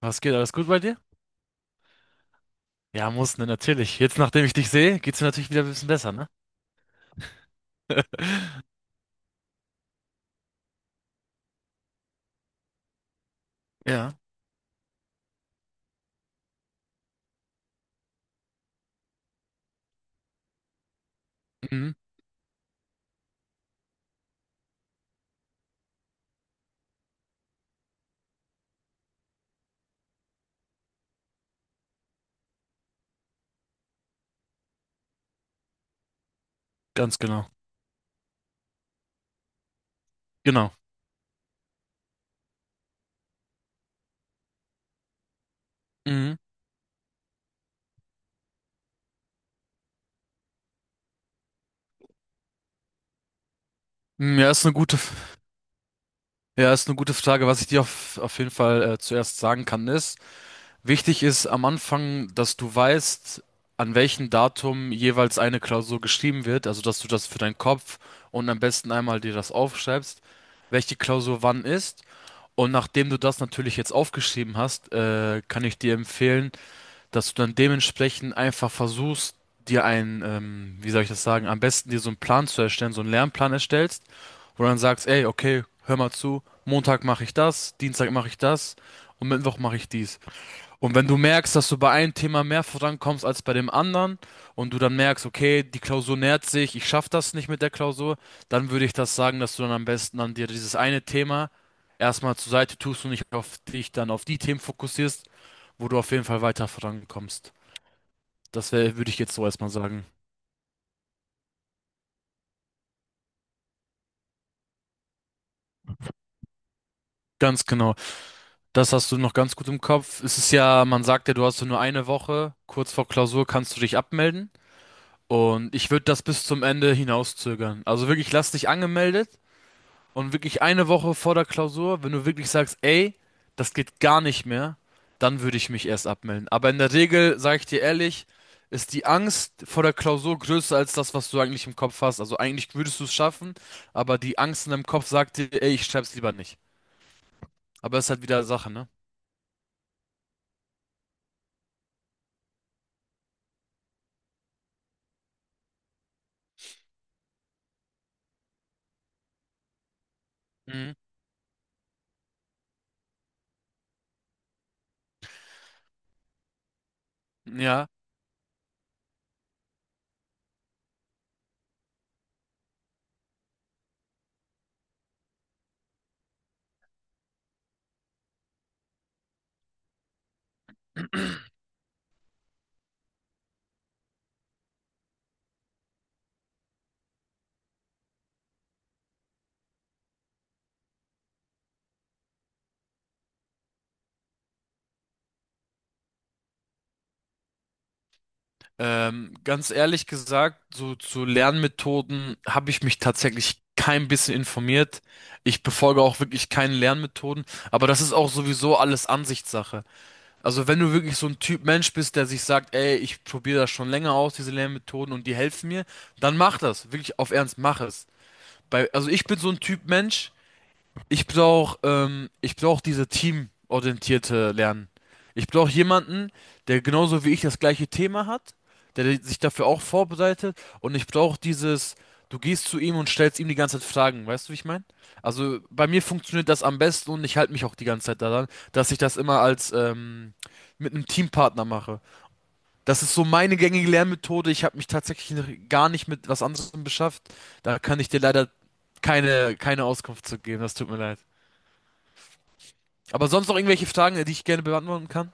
Was geht? Alles gut bei dir? Ja, muss, ne, natürlich. Jetzt, nachdem ich dich sehe, geht's mir natürlich wieder ein bisschen besser, ne? Ja. Mhm. Ganz genau. Genau. Mhm. Mm, ja, ist eine gute Frage. Was ich dir auf jeden Fall zuerst sagen kann, ist, wichtig ist am Anfang, dass du weißt, an welchem Datum jeweils eine Klausur geschrieben wird. Also, dass du das für deinen Kopf und am besten einmal dir das aufschreibst, welche Klausur wann ist. Und nachdem du das natürlich jetzt aufgeschrieben hast, kann ich dir empfehlen, dass du dann dementsprechend einfach versuchst, dir einen, wie soll ich das sagen, am besten dir so einen Plan zu erstellen, so einen Lernplan erstellst, wo du dann sagst, ey, okay, hör mal zu, Montag mache ich das, Dienstag mache ich das und Mittwoch mache ich dies. Und wenn du merkst, dass du bei einem Thema mehr vorankommst als bei dem anderen und du dann merkst, okay, die Klausur nähert sich, ich schaffe das nicht mit der Klausur, dann würde ich das sagen, dass du dann am besten an dir dieses eine Thema erstmal zur Seite tust und nicht auf dich dann auf die Themen fokussierst, wo du auf jeden Fall weiter vorankommst. Das würde ich jetzt so erstmal sagen. Ganz genau. Das hast du noch ganz gut im Kopf. Es ist ja, man sagt ja, du hast so nur eine Woche. Kurz vor Klausur kannst du dich abmelden. Und ich würde das bis zum Ende hinauszögern. Also wirklich, lass dich angemeldet und wirklich eine Woche vor der Klausur, wenn du wirklich sagst, ey, das geht gar nicht mehr, dann würde ich mich erst abmelden. Aber in der Regel, sage ich dir ehrlich, ist die Angst vor der Klausur größer als das, was du eigentlich im Kopf hast. Also eigentlich würdest du es schaffen, aber die Angst in deinem Kopf sagt dir, ey, ich schreib's lieber nicht. Aber es ist halt wieder Sache, ne? Mhm. Ja, ganz ehrlich gesagt, so zu Lernmethoden habe ich mich tatsächlich kein bisschen informiert. Ich befolge auch wirklich keine Lernmethoden, aber das ist auch sowieso alles Ansichtssache. Also wenn du wirklich so ein Typ Mensch bist, der sich sagt, ey, ich probiere das schon länger aus, diese Lernmethoden und die helfen mir, dann mach das, wirklich auf Ernst, mach es. Also ich bin so ein Typ Mensch. Ich brauch diese teamorientierte Lernen. Ich brauche jemanden, der genauso wie ich das gleiche Thema hat, der sich dafür auch vorbereitet und ich brauche dieses, du gehst zu ihm und stellst ihm die ganze Zeit Fragen, weißt du, wie ich meine? Also bei mir funktioniert das am besten und ich halte mich auch die ganze Zeit daran, dass ich das immer als mit einem Teampartner mache. Das ist so meine gängige Lernmethode. Ich habe mich tatsächlich noch gar nicht mit was anderem beschäftigt. Da kann ich dir leider keine Auskunft zu geben. Das tut mir leid. Aber sonst noch irgendwelche Fragen, die ich gerne beantworten kann?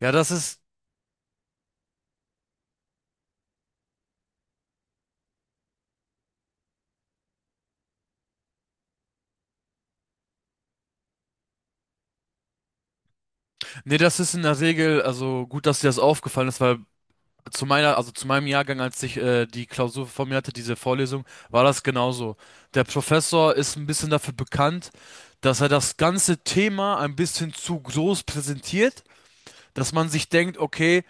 Ja, nee, das ist in der Regel, also gut, dass dir das aufgefallen ist, weil also zu meinem Jahrgang, als ich die Klausur vor mir hatte, diese Vorlesung, war das genauso. Der Professor ist ein bisschen dafür bekannt, dass er das ganze Thema ein bisschen zu groß präsentiert, dass man sich denkt, okay,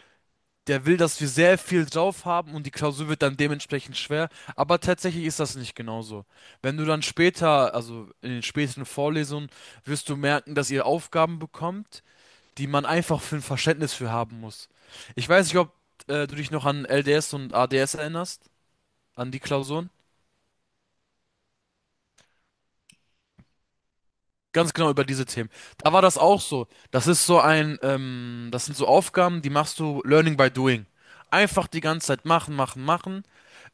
der will, dass wir sehr viel drauf haben und die Klausur wird dann dementsprechend schwer. Aber tatsächlich ist das nicht genauso. Wenn du dann später, also in den späteren Vorlesungen, wirst du merken, dass ihr Aufgaben bekommt, die man einfach für ein Verständnis für haben muss. Ich weiß nicht, ob du dich noch an LDS und ADS erinnerst, an die Klausuren. Ganz genau über diese Themen. Da war das auch so. Das sind so Aufgaben, die machst du Learning by Doing. Einfach die ganze Zeit machen, machen, machen.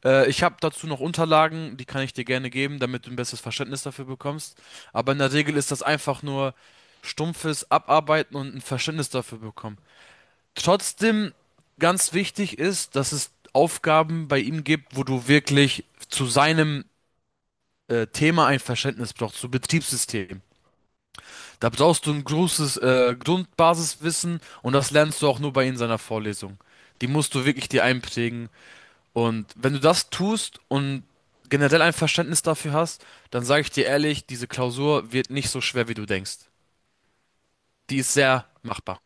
Ich habe dazu noch Unterlagen, die kann ich dir gerne geben, damit du ein besseres Verständnis dafür bekommst. Aber in der Regel ist das einfach nur stumpfes Abarbeiten und ein Verständnis dafür bekommen. Trotzdem ganz wichtig ist, dass es Aufgaben bei ihm gibt, wo du wirklich zu seinem Thema ein Verständnis brauchst, zu Betriebssystem. Da brauchst du ein großes Grundbasiswissen und das lernst du auch nur bei ihm in seiner Vorlesung. Die musst du wirklich dir einprägen. Und wenn du das tust und generell ein Verständnis dafür hast, dann sage ich dir ehrlich, diese Klausur wird nicht so schwer, wie du denkst. Die ist sehr machbar.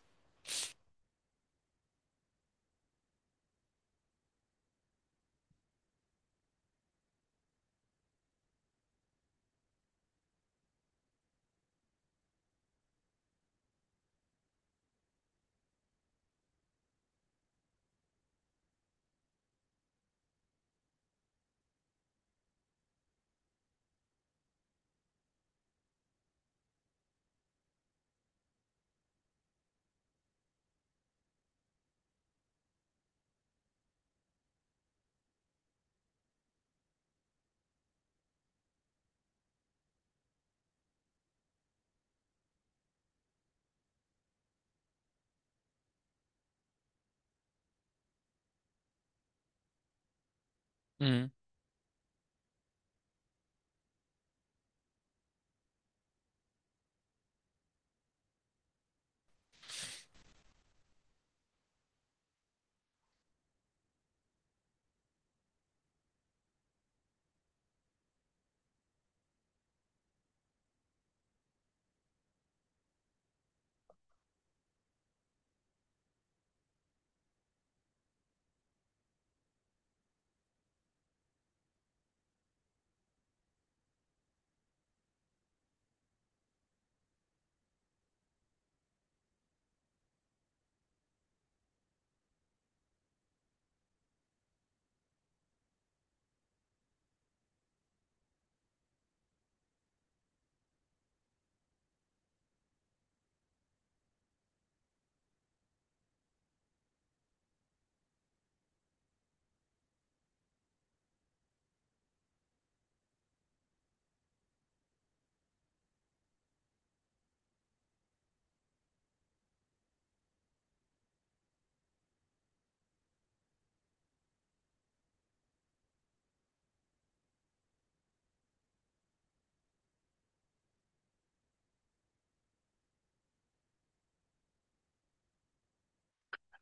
Mhm.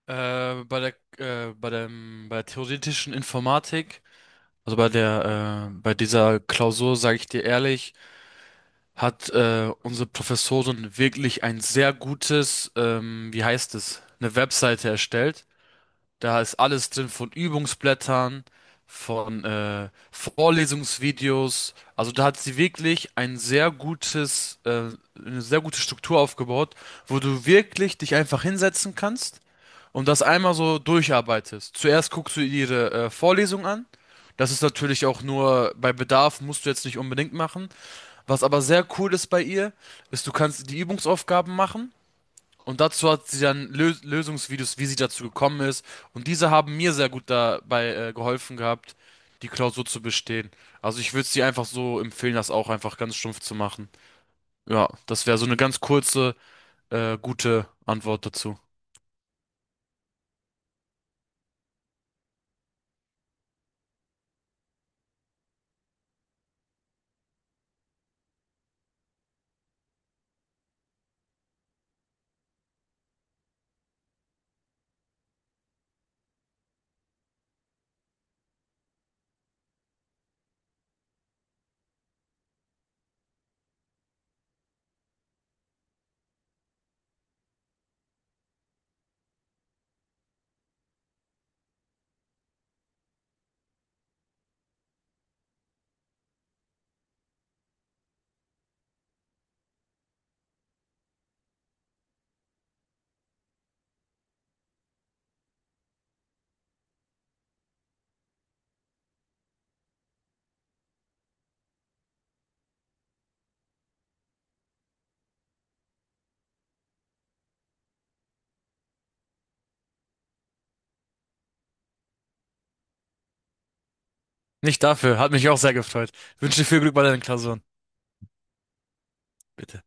Äh, bei der, bei der theoretischen Informatik, also bei dieser Klausur, sage ich dir ehrlich, hat unsere Professorin wirklich, wie heißt es, eine Webseite erstellt. Da ist alles drin von Übungsblättern, von Vorlesungsvideos. Also da hat sie wirklich eine sehr gute Struktur aufgebaut, wo du wirklich dich einfach hinsetzen kannst und das einmal so durcharbeitest. Zuerst guckst du ihre Vorlesung an. Das ist natürlich auch nur bei Bedarf, musst du jetzt nicht unbedingt machen. Was aber sehr cool ist bei ihr, ist, du kannst die Übungsaufgaben machen und dazu hat sie dann Lö Lösungsvideos, wie sie dazu gekommen ist. Und diese haben mir sehr gut dabei geholfen gehabt, die Klausur zu bestehen. Also ich würde es dir einfach so empfehlen, das auch einfach ganz stumpf zu machen. Ja, das wäre so eine ganz kurze, gute Antwort dazu. Nicht dafür, hat mich auch sehr gefreut. Wünsche dir viel Glück bei deinen Klausuren. Bitte.